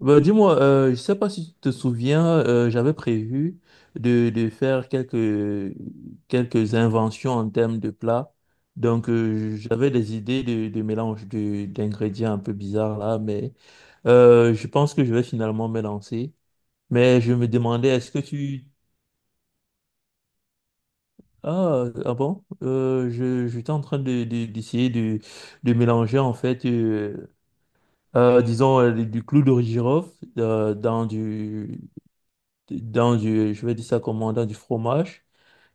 Bah, dis-moi, je sais pas si tu te souviens, j'avais prévu de faire quelques inventions en termes de plats. Donc, j'avais des idées de mélange de, d'ingrédients un peu bizarres là, mais je pense que je vais finalement me lancer. Mais je me demandais, est-ce que tu... Ah, ah bon? J'étais en train de, d'essayer de mélanger en fait, disons, du clou de girofle euh, dans du... dans du, je vais dire ça comment, dans du fromage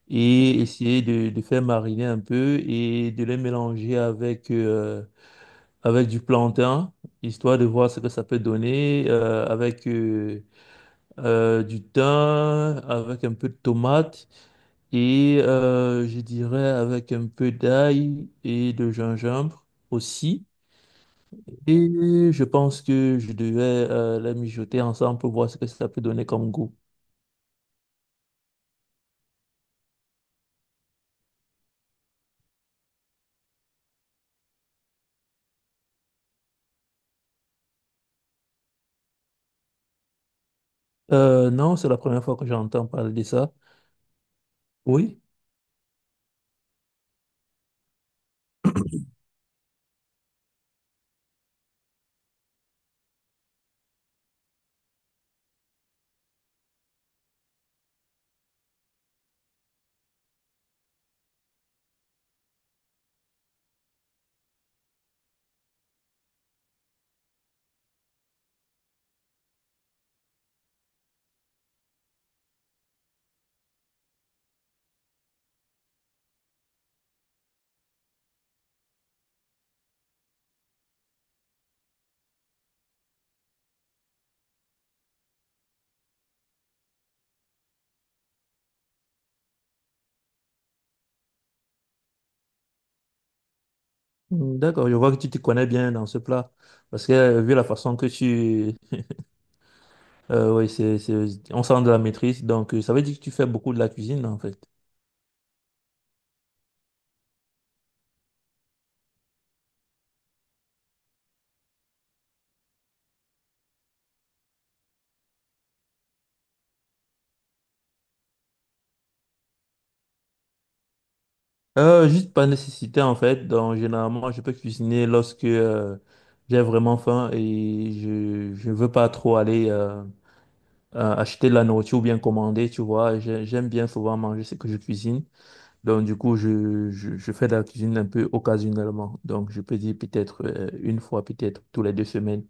et essayer de faire mariner un peu et de les mélanger avec, avec du plantain, histoire de voir ce que ça peut donner, avec du thym, avec un peu de tomate et je dirais avec un peu d'ail et de gingembre aussi. Et je pense que je devais les mijoter ensemble pour voir ce que ça peut donner comme goût. Non, c'est la première fois que j'entends parler de ça. Oui. Mm, d'accord, je vois que tu te connais bien dans ce plat. Parce que vu la façon que tu... oui, on sent de la maîtrise. Donc, ça veut dire que tu fais beaucoup de la cuisine, en fait. Juste par nécessité, en fait. Donc, généralement, je peux cuisiner lorsque j'ai vraiment faim et je veux pas trop aller acheter de la nourriture ou bien commander, tu vois. J'aime bien souvent manger ce que je cuisine. Donc, du coup, je fais de la cuisine un peu occasionnellement. Donc, je peux dire peut-être une fois, peut-être tous les deux semaines.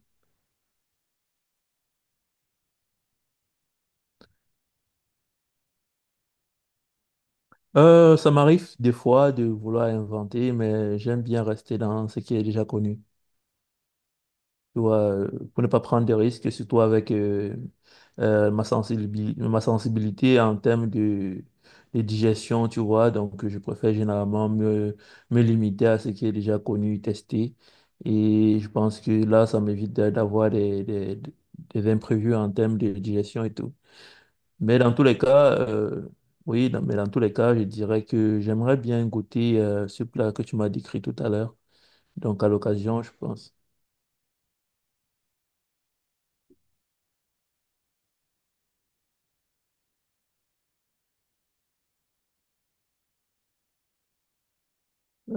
Ça m'arrive des fois de vouloir inventer, mais j'aime bien rester dans ce qui est déjà connu. Tu vois, pour ne pas prendre des risques, surtout avec ma sensibilité en termes de digestion, tu vois. Donc, je préfère généralement me limiter à ce qui est déjà connu, testé. Et je pense que là, ça m'évite d'avoir des imprévus en termes de digestion et tout. Mais dans tous les cas, oui, dans- mais dans tous les cas, je dirais que j'aimerais bien goûter ce plat que tu m'as décrit tout à l'heure. Donc, à l'occasion, je pense.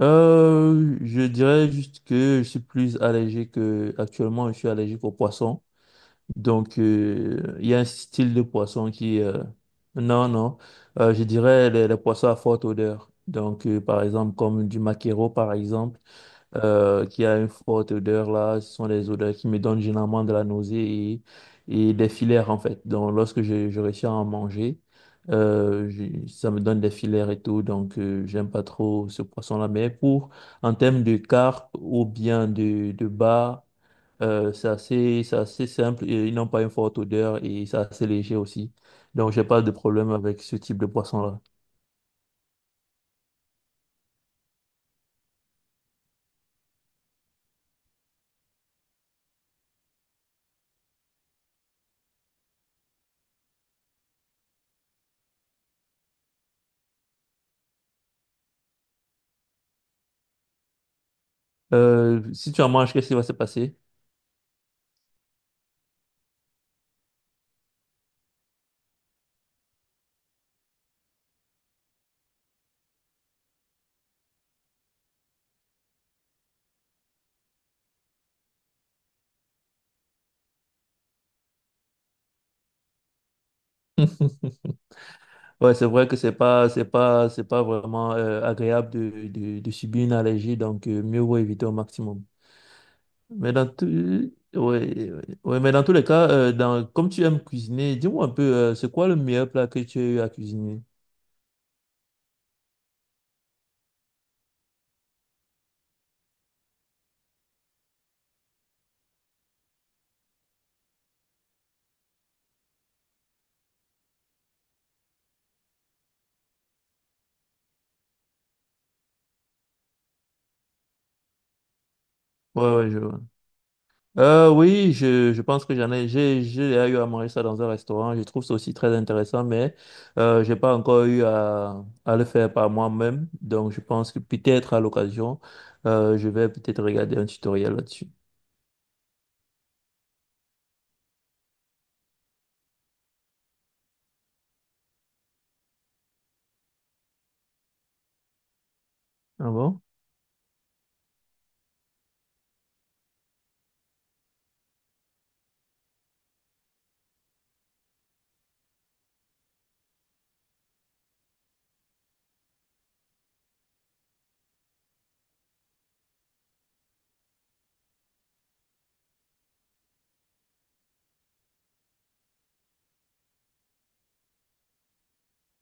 Je dirais juste que je suis plus allergique. Actuellement, je suis allergique aux poissons. Donc, il y a un style de poisson qui... non, non. Je dirais les poissons à forte odeur. Donc, par exemple, comme du maquereau, par exemple qui a une forte odeur là. Ce sont des odeurs qui me donnent généralement de la nausée et des filaires en fait. Donc lorsque je réussis à en manger, ça me donne des filaires et tout. Donc j'aime pas trop ce poisson-là. Mais pour en termes de carpe ou bien de bar, c'est assez simple. Et ils n'ont pas une forte odeur et c'est assez léger aussi. Donc j'ai pas de problème avec ce type de poisson-là. Si tu en manges, qu'est-ce qui va se passer? Ouais, c'est vrai que c'est pas vraiment agréable de subir une allergie, donc mieux vaut éviter au maximum. Mais dans tout, ouais, ouais, ouais, mais dans tous les cas, comme tu aimes cuisiner, dis-moi un peu, c'est quoi le meilleur plat que tu as eu à cuisiner? Ouais, ouais, je vois. Oui, je pense que j'ai déjà eu à manger ça dans un restaurant. Je trouve ça aussi très intéressant, mais j'ai pas encore eu à le faire par moi-même. Donc, je pense que peut-être à l'occasion, je vais peut-être regarder un tutoriel là-dessus. Ah bon?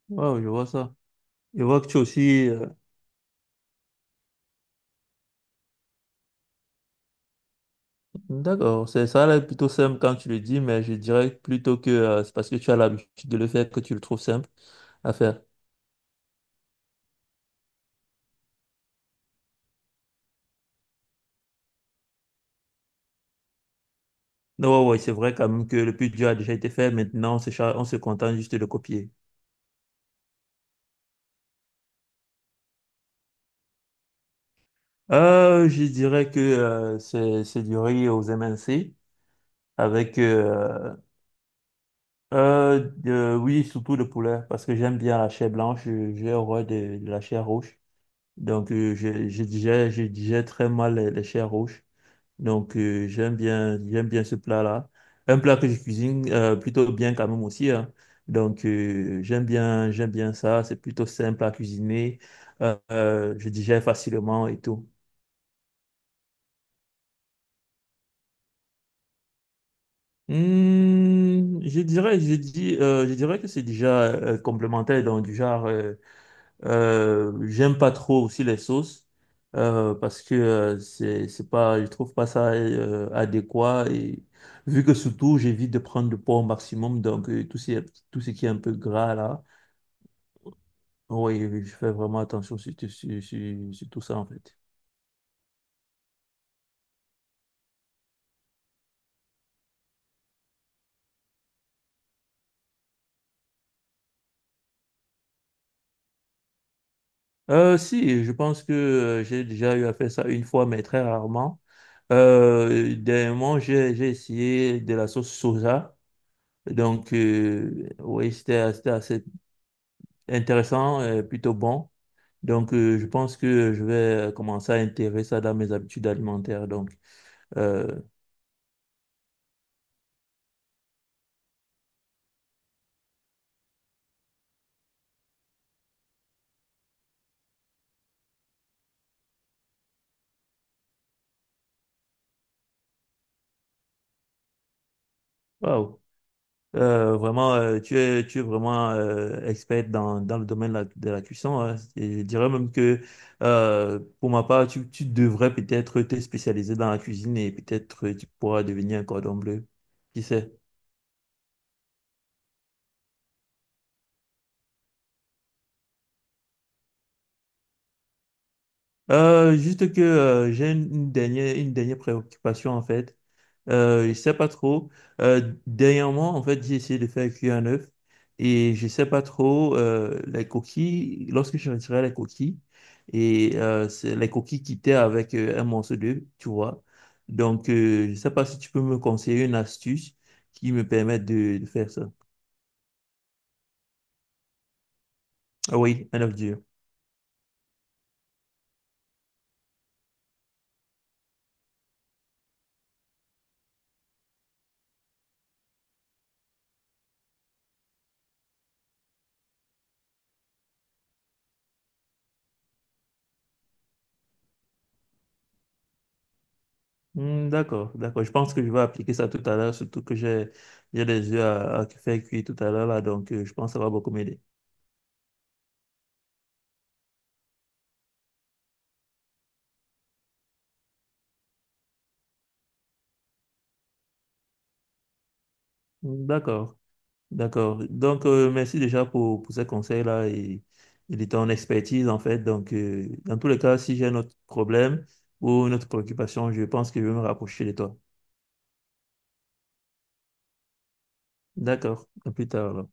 Wow, je vois ça. Je vois que tu es aussi. D'accord, c'est ça, là, plutôt simple quand tu le dis, mais je dirais plutôt que c'est parce que tu as l'habitude de le faire que tu le trouves simple à faire. Non, ouais, ouais, c'est vrai quand même que le plus dur a déjà été fait. Maintenant, on se contente juste de le copier. Je dirais que c'est du riz aux MNC avec oui surtout le poulet parce que j'aime bien la chair blanche j'ai horreur de la chair rouge donc je digère très mal les chairs rouges donc j'aime bien ce plat-là, un plat que je cuisine plutôt bien quand même aussi, hein. Donc j'aime bien ça, c'est plutôt simple à cuisiner. Je digère facilement et tout. Je dirais que c'est déjà complémentaire dans du genre. J'aime pas trop aussi les sauces parce que c'est pas, je trouve pas ça adéquat, et vu que surtout j'évite de prendre du poids au maximum, donc tout ce qui est un peu gras là, oui, je fais vraiment attention sur tout ça en fait. Si, je pense que j'ai déjà eu à faire ça une fois, mais très rarement. Dernièrement, j'ai essayé de la sauce soja. Donc, oui, c'était assez intéressant, plutôt bon. Donc, je pense que je vais commencer à intégrer ça dans mes habitudes alimentaires. Euh, Waouh. Vraiment, tu es vraiment experte dans le domaine de de la cuisson, hein. Et je dirais même que pour ma part, tu devrais peut-être te spécialiser dans la cuisine et peut-être tu pourras devenir un cordon bleu. Qui sait? Juste que j'ai une dernière préoccupation en fait. Je sais pas trop. Dernièrement, en fait, j'ai essayé de faire cuire un œuf et je sais pas trop les coquilles. Lorsque je retirais les coquilles et c'est les coquilles quittaient avec un morceau d'œuf, tu vois. Donc, je sais pas si tu peux me conseiller une astuce qui me permette de faire ça. Ah oui, un œuf dur. Hmm, d'accord, d'accord. Je pense que je vais appliquer ça tout à l'heure, surtout que j'ai des œufs à faire cuire tout à l'heure là, donc je pense que ça va beaucoup m'aider. Hmm, d'accord. D'accord. Donc, merci déjà pour ces conseils-là et de ton expertise, en fait. Donc, dans tous les cas, si j'ai un autre problème ou une autre préoccupation, je pense que je vais me rapprocher de toi. D'accord. À plus tard, alors.